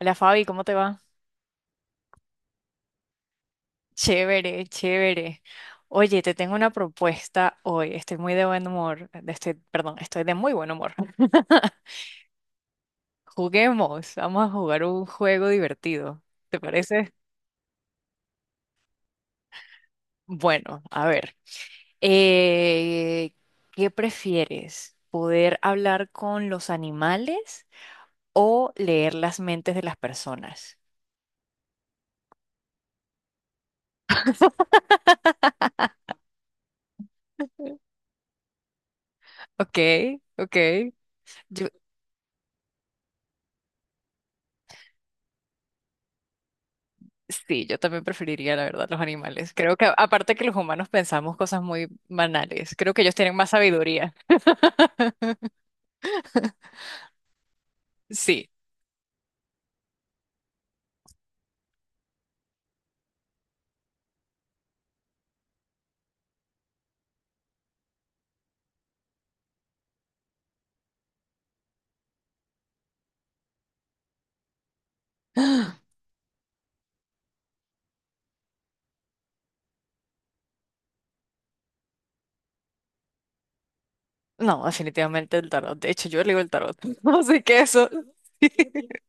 Hola Fabi, ¿cómo te va? Chévere, chévere. Oye, te tengo una propuesta hoy. Estoy muy de buen humor. Estoy, perdón, estoy de muy buen humor. Juguemos, vamos a jugar un juego divertido. ¿Te parece? Bueno, a ver. eh, ¿Qué prefieres? ¿Poder hablar con los animales o leer las mentes de las personas? Ok, ok. Yo Sí, yo también preferiría, la verdad, los animales. Creo que aparte que los humanos pensamos cosas muy banales, creo que ellos tienen más sabiduría. Sí. No, definitivamente el tarot. De hecho, yo leo el tarot. Así que eso.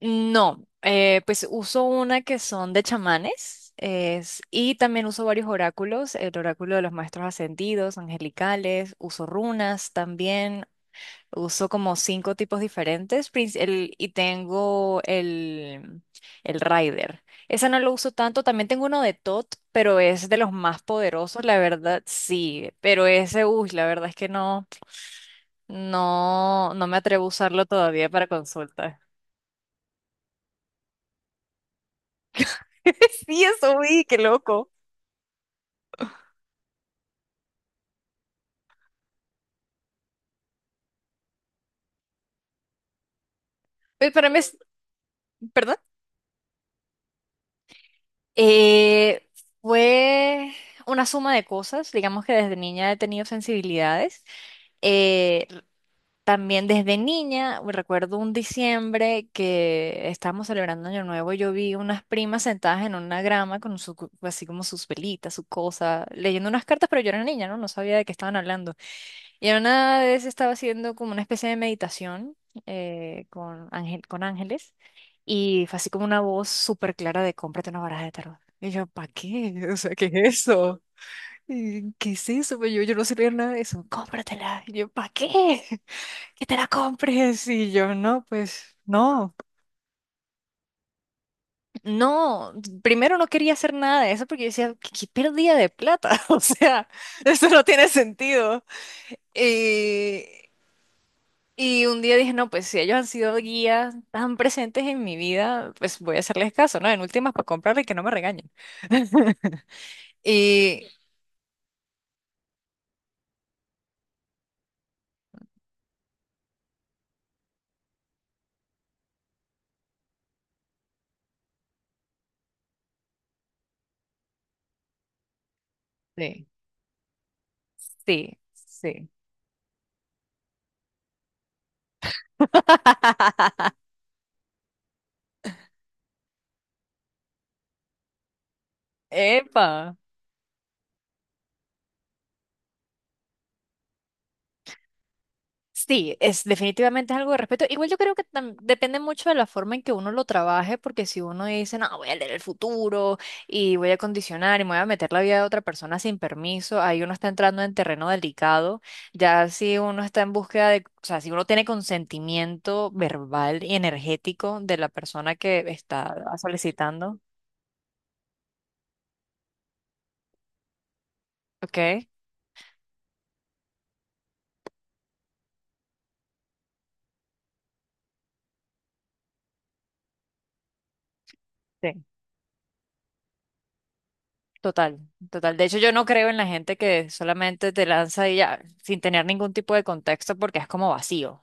No, pues uso una que son de chamanes y también uso varios oráculos, el oráculo de los maestros ascendidos, angelicales, uso runas también. Uso como cinco tipos diferentes y tengo el Rider. Ese no lo uso tanto. También tengo uno de Tot, pero es de los más poderosos, la verdad, sí. Pero ese, uy, la verdad es que no, no, no me atrevo a usarlo todavía para consulta. Sí, eso vi, qué loco. Pero para mí es, ¿perdón? Eh, fue una suma de cosas. Digamos que desde niña he tenido sensibilidades. eh, También desde niña, recuerdo un diciembre que estábamos celebrando Año Nuevo, yo vi unas primas sentadas en una grama con su, cu- así como sus velitas, su cosa, leyendo unas cartas, pero yo era niña, ¿no? No sabía de qué estaban hablando. Y en una vez estaba haciendo como una especie de meditación con ángeles, y fue así como una voz súper clara de cómprate una baraja de tarot. Y yo, ¿para qué? O sea, ¿qué es eso? Y, ¿qué es eso? Pues yo no sé leer nada de eso. Cómpratela. Y yo, ¿para qué? Que te la compres. Y yo, no, pues no, no. Primero no quería hacer nada de eso porque yo decía, qué pérdida de plata. O sea, esto no tiene sentido. Y, y un día dije, no, pues si ellos han sido guías tan presentes en mi vida, pues voy a hacerles caso, ¿no? En últimas, para comprarle y que no me regañen. Y sí, sí, sí. ¡Epa! Sí, es definitivamente es algo de respeto. Igual yo creo que depende mucho de la forma en que uno lo trabaje, porque si uno dice, no, voy a leer el futuro y voy a condicionar y me voy a meter la vida de otra persona sin permiso, ahí uno está entrando en terreno delicado. Ya si uno está en búsqueda de, o sea, si uno tiene consentimiento verbal y energético de la persona que está solicitando, ¿ok? Sí. Total, total. De hecho, yo no creo en la gente que solamente te lanza y ya, sin tener ningún tipo de contexto, porque es como vacío.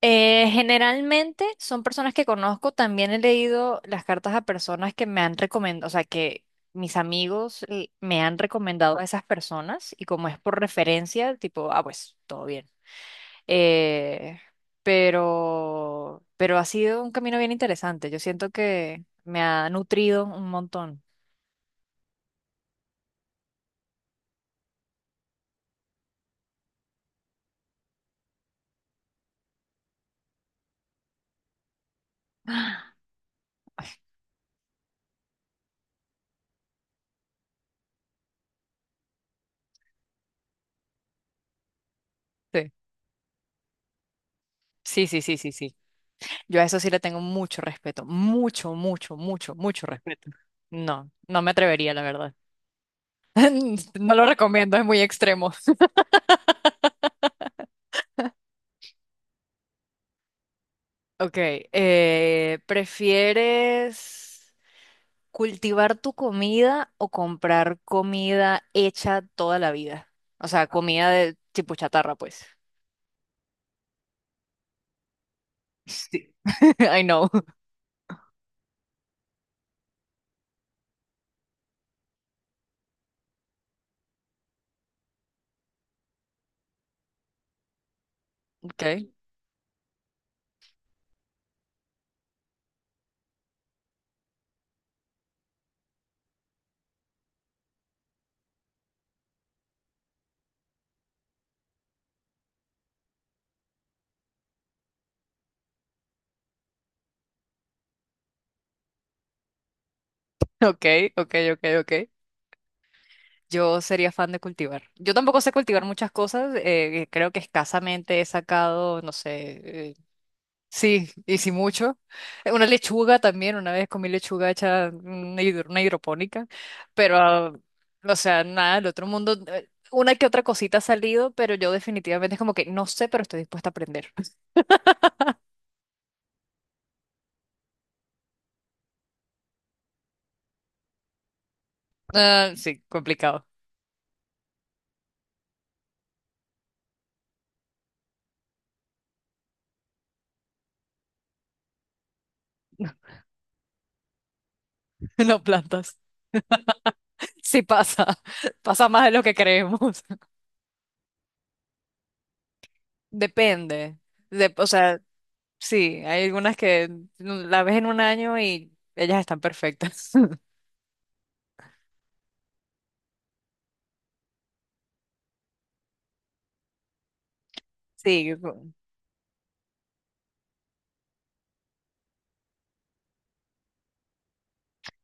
Generalmente son personas que conozco, también he leído las cartas a personas que me han recomendado, o sea, que mis amigos me han recomendado a esas personas y como es por referencia, tipo, ah, pues todo bien. Eh, pero ha sido un camino bien interesante, yo siento que me ha nutrido un montón. Sí, sí, sí, sí, sí. Sí. Yo a eso sí le tengo mucho respeto, mucho, mucho, mucho, mucho respeto. No, no me atrevería, la verdad. No lo recomiendo, es muy extremo. Ok, ¿prefieres cultivar tu comida o comprar comida hecha toda la vida? O sea, comida de tipo chatarra, pues. Sí. I know. Okay, okay, okay, okay, okay. Yo sería fan de cultivar. Yo tampoco sé cultivar muchas cosas. Creo que escasamente he sacado, no sé, sí, y sí mucho. Una lechuga también, una vez comí lechuga hecha una hidropónica, pero, ah, o sea, nada, el otro mundo, una que otra cosita ha salido, pero yo definitivamente es como que no sé, pero estoy dispuesta a aprender. Ah, sí, complicado. Las plantas. Sí pasa, pasa más de lo que creemos. Depende. O sea, sí, hay algunas que la ves en un año y ellas están perfectas. Sí.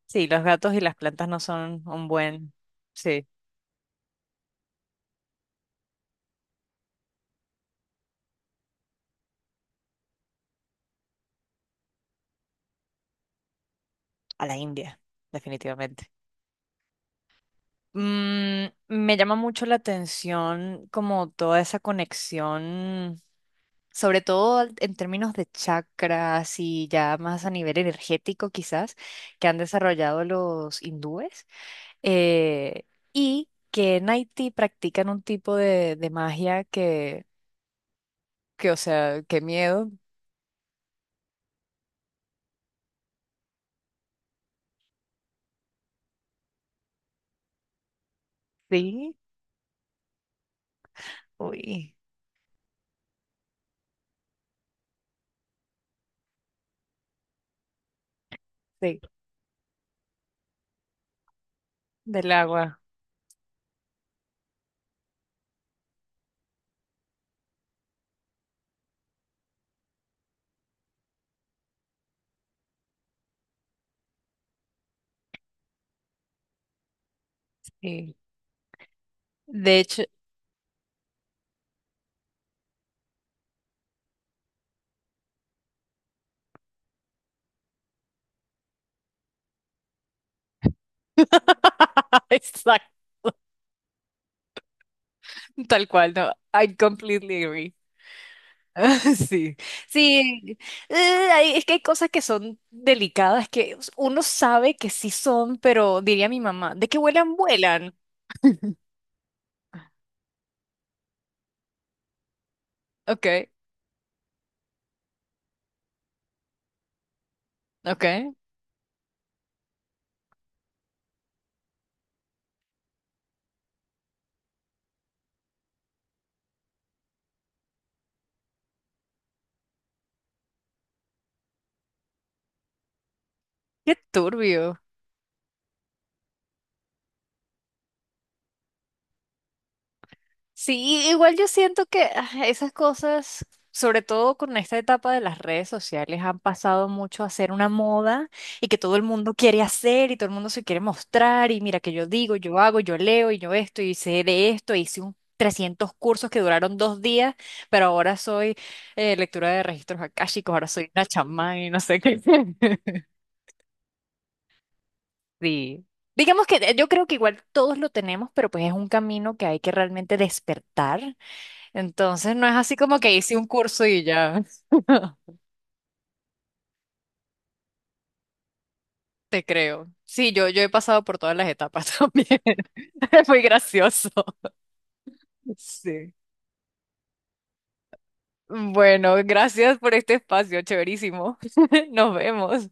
Sí, los gatos y las plantas no son un buen, sí, a la India, definitivamente. Mm, me llama mucho la atención como toda esa conexión, sobre todo al- en términos de chakras y ya más a nivel energético quizás, que han desarrollado los hindúes, eh, y que en Haití practican un tipo de magia que, o sea, qué miedo. Sí, uy, sí, del agua. Sí. De hecho, exacto, tal cual, no, I completely agree. Sí, sí, eh, hay- es que hay cosas que son delicadas que uno sabe que sí son, pero diría mi mamá, de que vuelan, vuelan. Okay, okay. Qué turbio. Sí, igual yo siento que ah, esas cosas, sobre todo con esta etapa de las redes sociales, han pasado mucho a ser una moda y que todo el mundo quiere hacer y todo el mundo se quiere mostrar y mira que yo digo, yo hago, yo leo y yo esto y sé de esto, e hice un 300 cursos que duraron 2 días, pero ahora soy lectura de registros akáshicos, ahora soy una chamán y no sé qué. Sí. Digamos que yo creo que igual todos lo tenemos, pero pues es un camino que hay que realmente despertar, entonces no es así como que hice un curso y ya. Te creo. Sí, yo he pasado por todas las etapas también. Es muy gracioso. Sí. Bueno, gracias por este espacio, chéverísimo. Nos vemos.